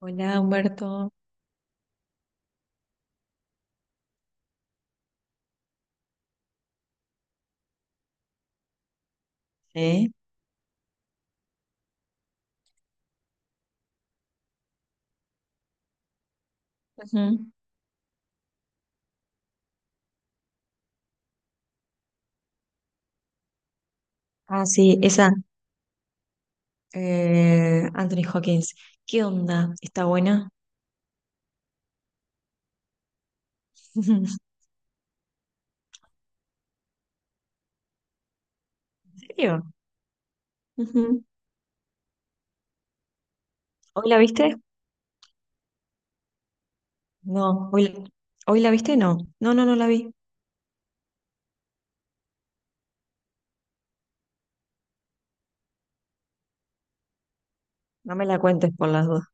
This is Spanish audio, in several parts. Hola, Humberto. Sí. Ujú. Ah, sí, esa. Anthony Hawkins. ¿Qué onda? ¿Está buena? ¿En serio? Ujú. ¿Hoy la viste? No. ¿Hoy la viste? No. No, no, no la vi. No me la cuentes por las dudas.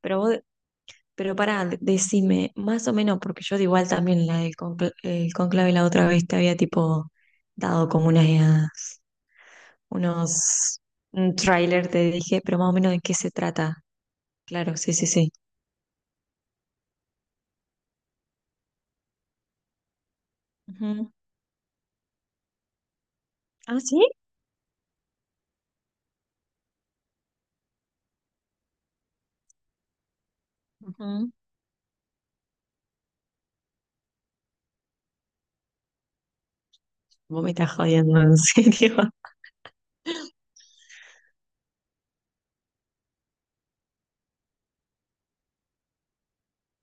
Pero vos, pero pará, decime, más o menos, porque yo de igual también la del el conclave la otra vez te había tipo dado como unos, un tráiler, te dije, pero más o menos de qué se trata. Claro, sí, sí, sí. ¿Ah, sí? Ujú. Vos me estás jodiendo, en serio.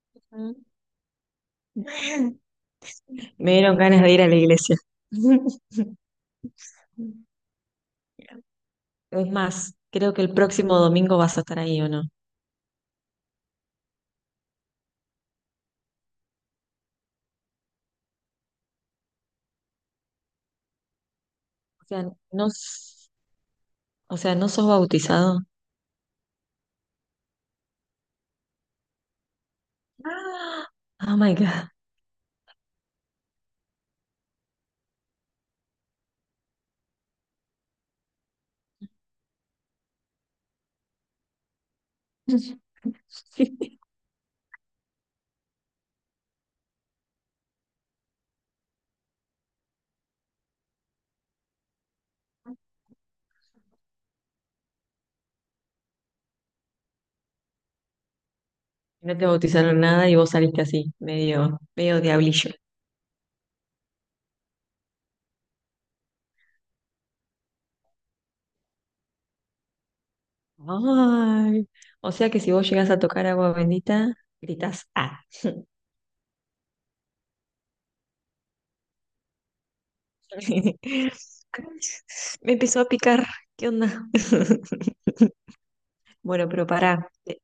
Ujú. Me dieron ganas de ir a la iglesia. Es más, creo que el próximo domingo vas a estar ahí, ¿o no? O sea, no, s- ¿no sos bautizado? Ah, Oh my God. No te bautizaron nada y vos saliste así, medio, medio diablillo. Ay, o sea que si vos llegás a tocar agua bendita, gritás, ah. Me empezó a picar. ¿Qué onda? Bueno, pero pará.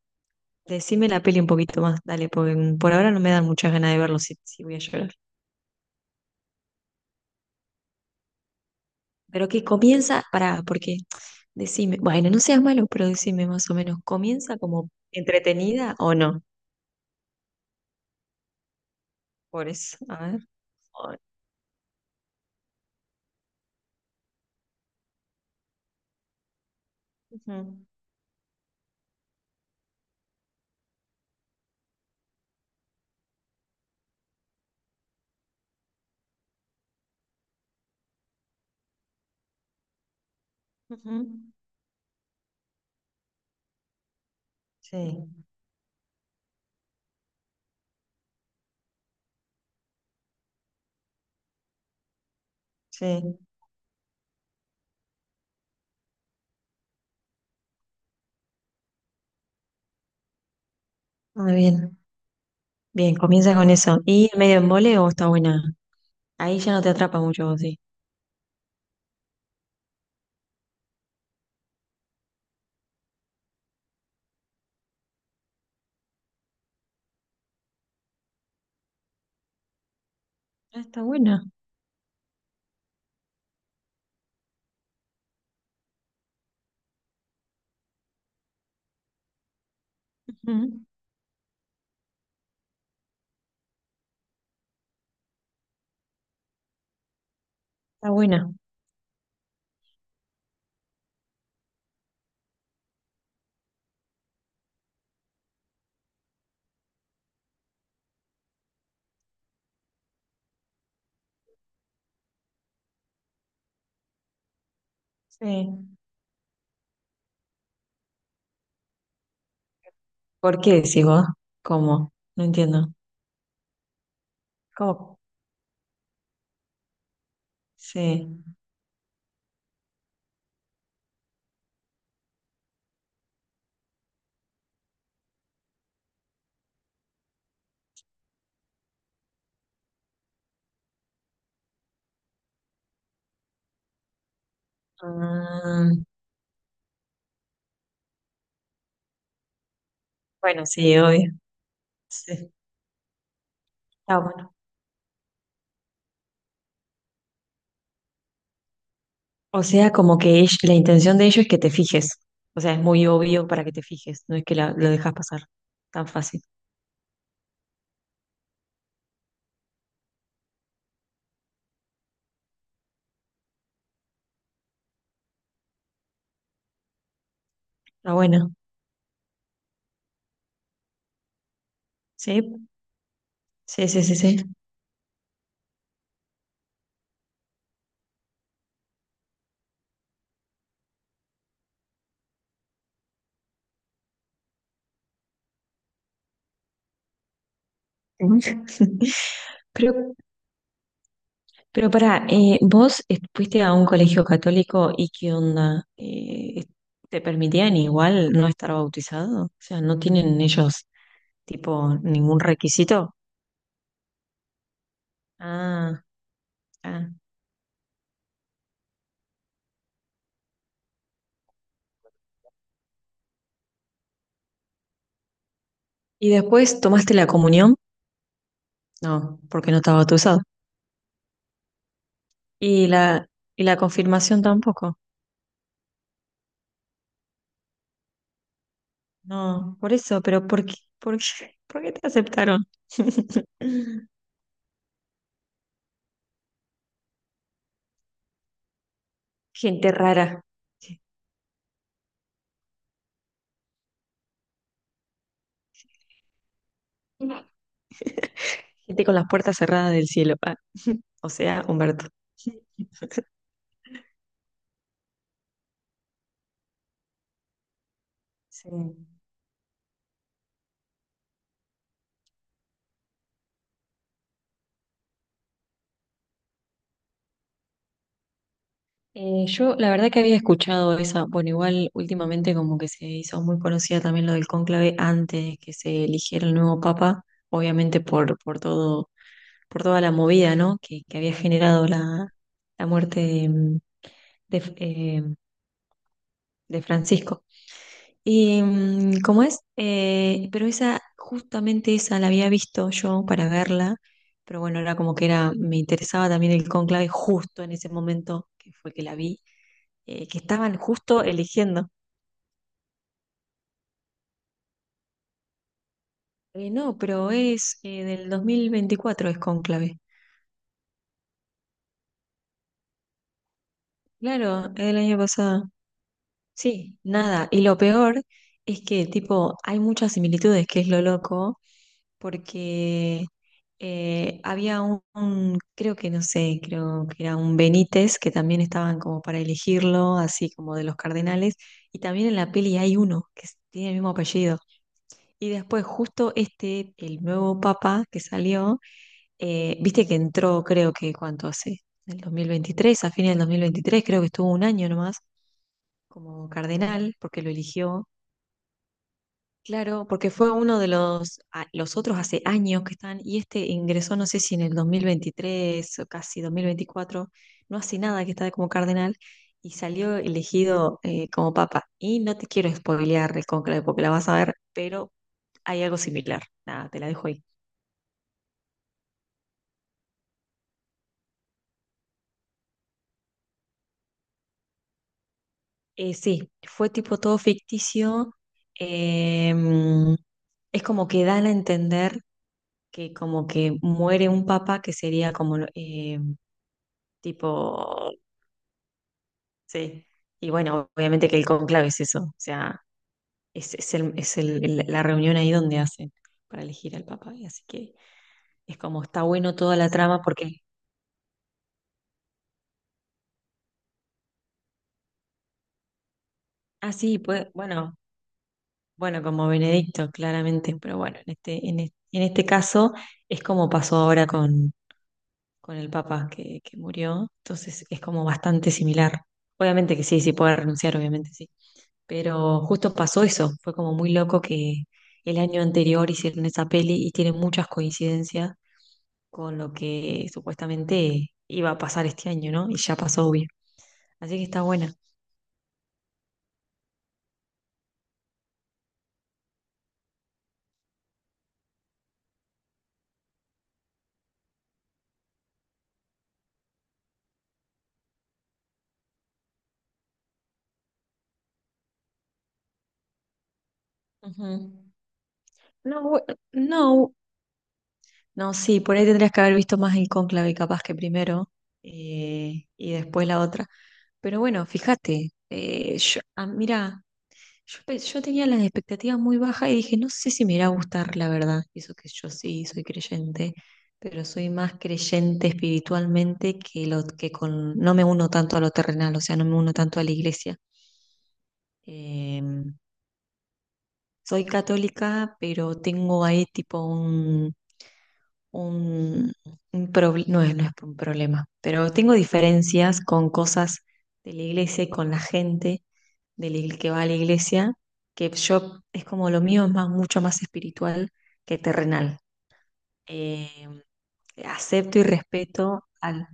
Decime la peli un poquito más, dale, porque por ahora no me dan muchas ganas de verlo si, si voy a llorar. Pero que comienza, pará, porque decime, bueno, no seas malo, pero decime más o menos, ¿comienza como entretenida o no? Por eso, a ver. o- Ujú, ujú. Sí, sí, muy bien. Bien, comienza con eso. ¿Y medio embole o está buena? Ahí ya no te atrapa mucho, vos, sí. Ah, está buena. Ujú. Está buena. Sí. ¿Por qué decís vos? ¿Cómo? No entiendo. ¿Cómo? Sí. Ah, bueno, sí, obvio. Sí. Está bueno. O sea, como que la intención de ellos es que te fijes. O sea, es muy obvio para que te fijes. No es que lo dejas pasar tan fácil. Está bueno. Sí, sí, sí, sí, sí. Pero Pero pará, vos fuiste a un colegio católico y qué onda. ¿Te permitían igual no estar bautizado? O sea, ¿no tienen ellos tipo ningún requisito? Ah, ah. ¿Y después tomaste la comunión? No, porque no estaba bautizado. ¿Y la, y la confirmación tampoco? No, por eso, pero ¿por qué te aceptaron? Gente rara. Gente con las puertas cerradas del cielo. Ah, O sea, Humberto. Sí. Yo la verdad que había escuchado esa, bueno, igual últimamente como que se hizo muy conocida también lo del cónclave antes que se eligiera el nuevo papa, obviamente por todo, por toda la movida, ¿no? Que había generado la muerte de, eh, de Francisco. Y cómo es. Pero esa, justamente esa la había visto yo para verla, pero bueno, era como que era, me interesaba también el cónclave justo en ese momento que fue que la vi, que estaban justo eligiendo. No, pero es del 2024 es cónclave. Claro, es del año pasado. Sí, nada. Y lo peor es que, tipo, hay muchas similitudes, que es lo loco porque había creo que no sé, creo que era un Benítez, que también estaban como para elegirlo, así como de los cardenales, y también en la peli hay uno que tiene el mismo apellido. Y después justo este, el nuevo papa que salió, viste que entró creo que cuánto hace, en el 2023, a fines del 2023 creo que estuvo un año nomás como cardenal, porque lo eligió. Claro, porque fue uno de los otros hace años que están, y este ingresó, no sé si en el 2023 o casi 2024, no hace nada que está como cardenal, y salió elegido como papa. Y no te quiero spoilear el conclave porque la vas a ver, pero hay algo similar. Nada, te la dejo ahí. Sí, fue tipo todo ficticio. em, es como que dan a entender que como que muere un papa que sería como... em, tipo. Sí, y bueno, obviamente que el conclave es eso, o sea, la reunión ahí donde hacen para elegir al papa, y así que es como está bueno toda la trama porque, ah, sí, pues, bueno, bueno, como Benedicto, claramente, pero bueno, en este, caso es como pasó ahora con el papa que murió, entonces es como bastante similar. Obviamente que sí, sí puede renunciar, obviamente sí. Pero justo pasó eso, fue como muy loco que el año anterior hicieron esa peli y tiene muchas coincidencias con lo que supuestamente iba a pasar este año, ¿no? Y ya pasó, obvio. Así que está buena. Ujú. No, bu- no, No, sí, por ahí tendrías que haber visto más el cónclave capaz que primero, y después la otra. Pero bueno, fíjate, mira, yo tenía las expectativas muy bajas y dije, no sé si me irá a gustar, la verdad. Y eso que yo sí soy creyente, pero soy más creyente espiritualmente que lo que no me uno tanto a lo terrenal, o sea, no me uno tanto a la iglesia. Em, soy católica, pero tengo ahí tipo un, un proble- no es, no es un problema, pero tengo diferencias con cosas de la iglesia y con la gente que va a la iglesia, que yo es como lo mío es más, mucho más espiritual que terrenal. Eh, Acepto y respeto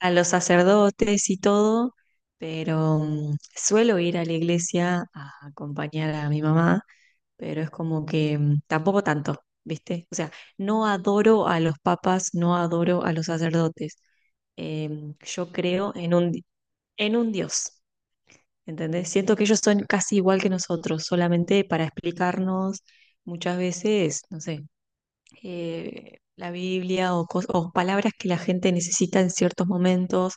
a los sacerdotes y todo, pero suelo ir a la iglesia a acompañar a mi mamá, pero es como que tampoco tanto, ¿viste? O sea, no adoro a los papas, no adoro a los sacerdotes. Yo creo en un Dios, ¿entendés? Siento que ellos son casi igual que nosotros, solamente para explicarnos muchas veces, no sé, la Biblia o palabras que la gente necesita en ciertos momentos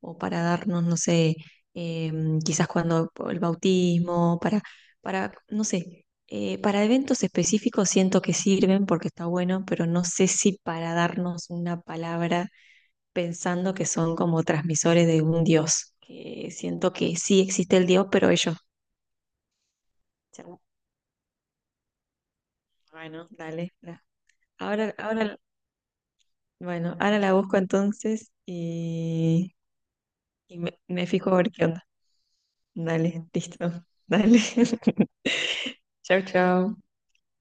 o para darnos, no sé, eh, quizás cuando el bautismo, para, no sé, para eventos específicos siento que sirven porque está bueno, pero no sé si para darnos una palabra pensando que son como transmisores de un Dios, que siento que sí existe el Dios, pero ellos, ya, bueno, dale. Ahora, bueno, ahora la busco entonces y me fijo a ver qué onda. Dale, listo. Dale. Chao, chao.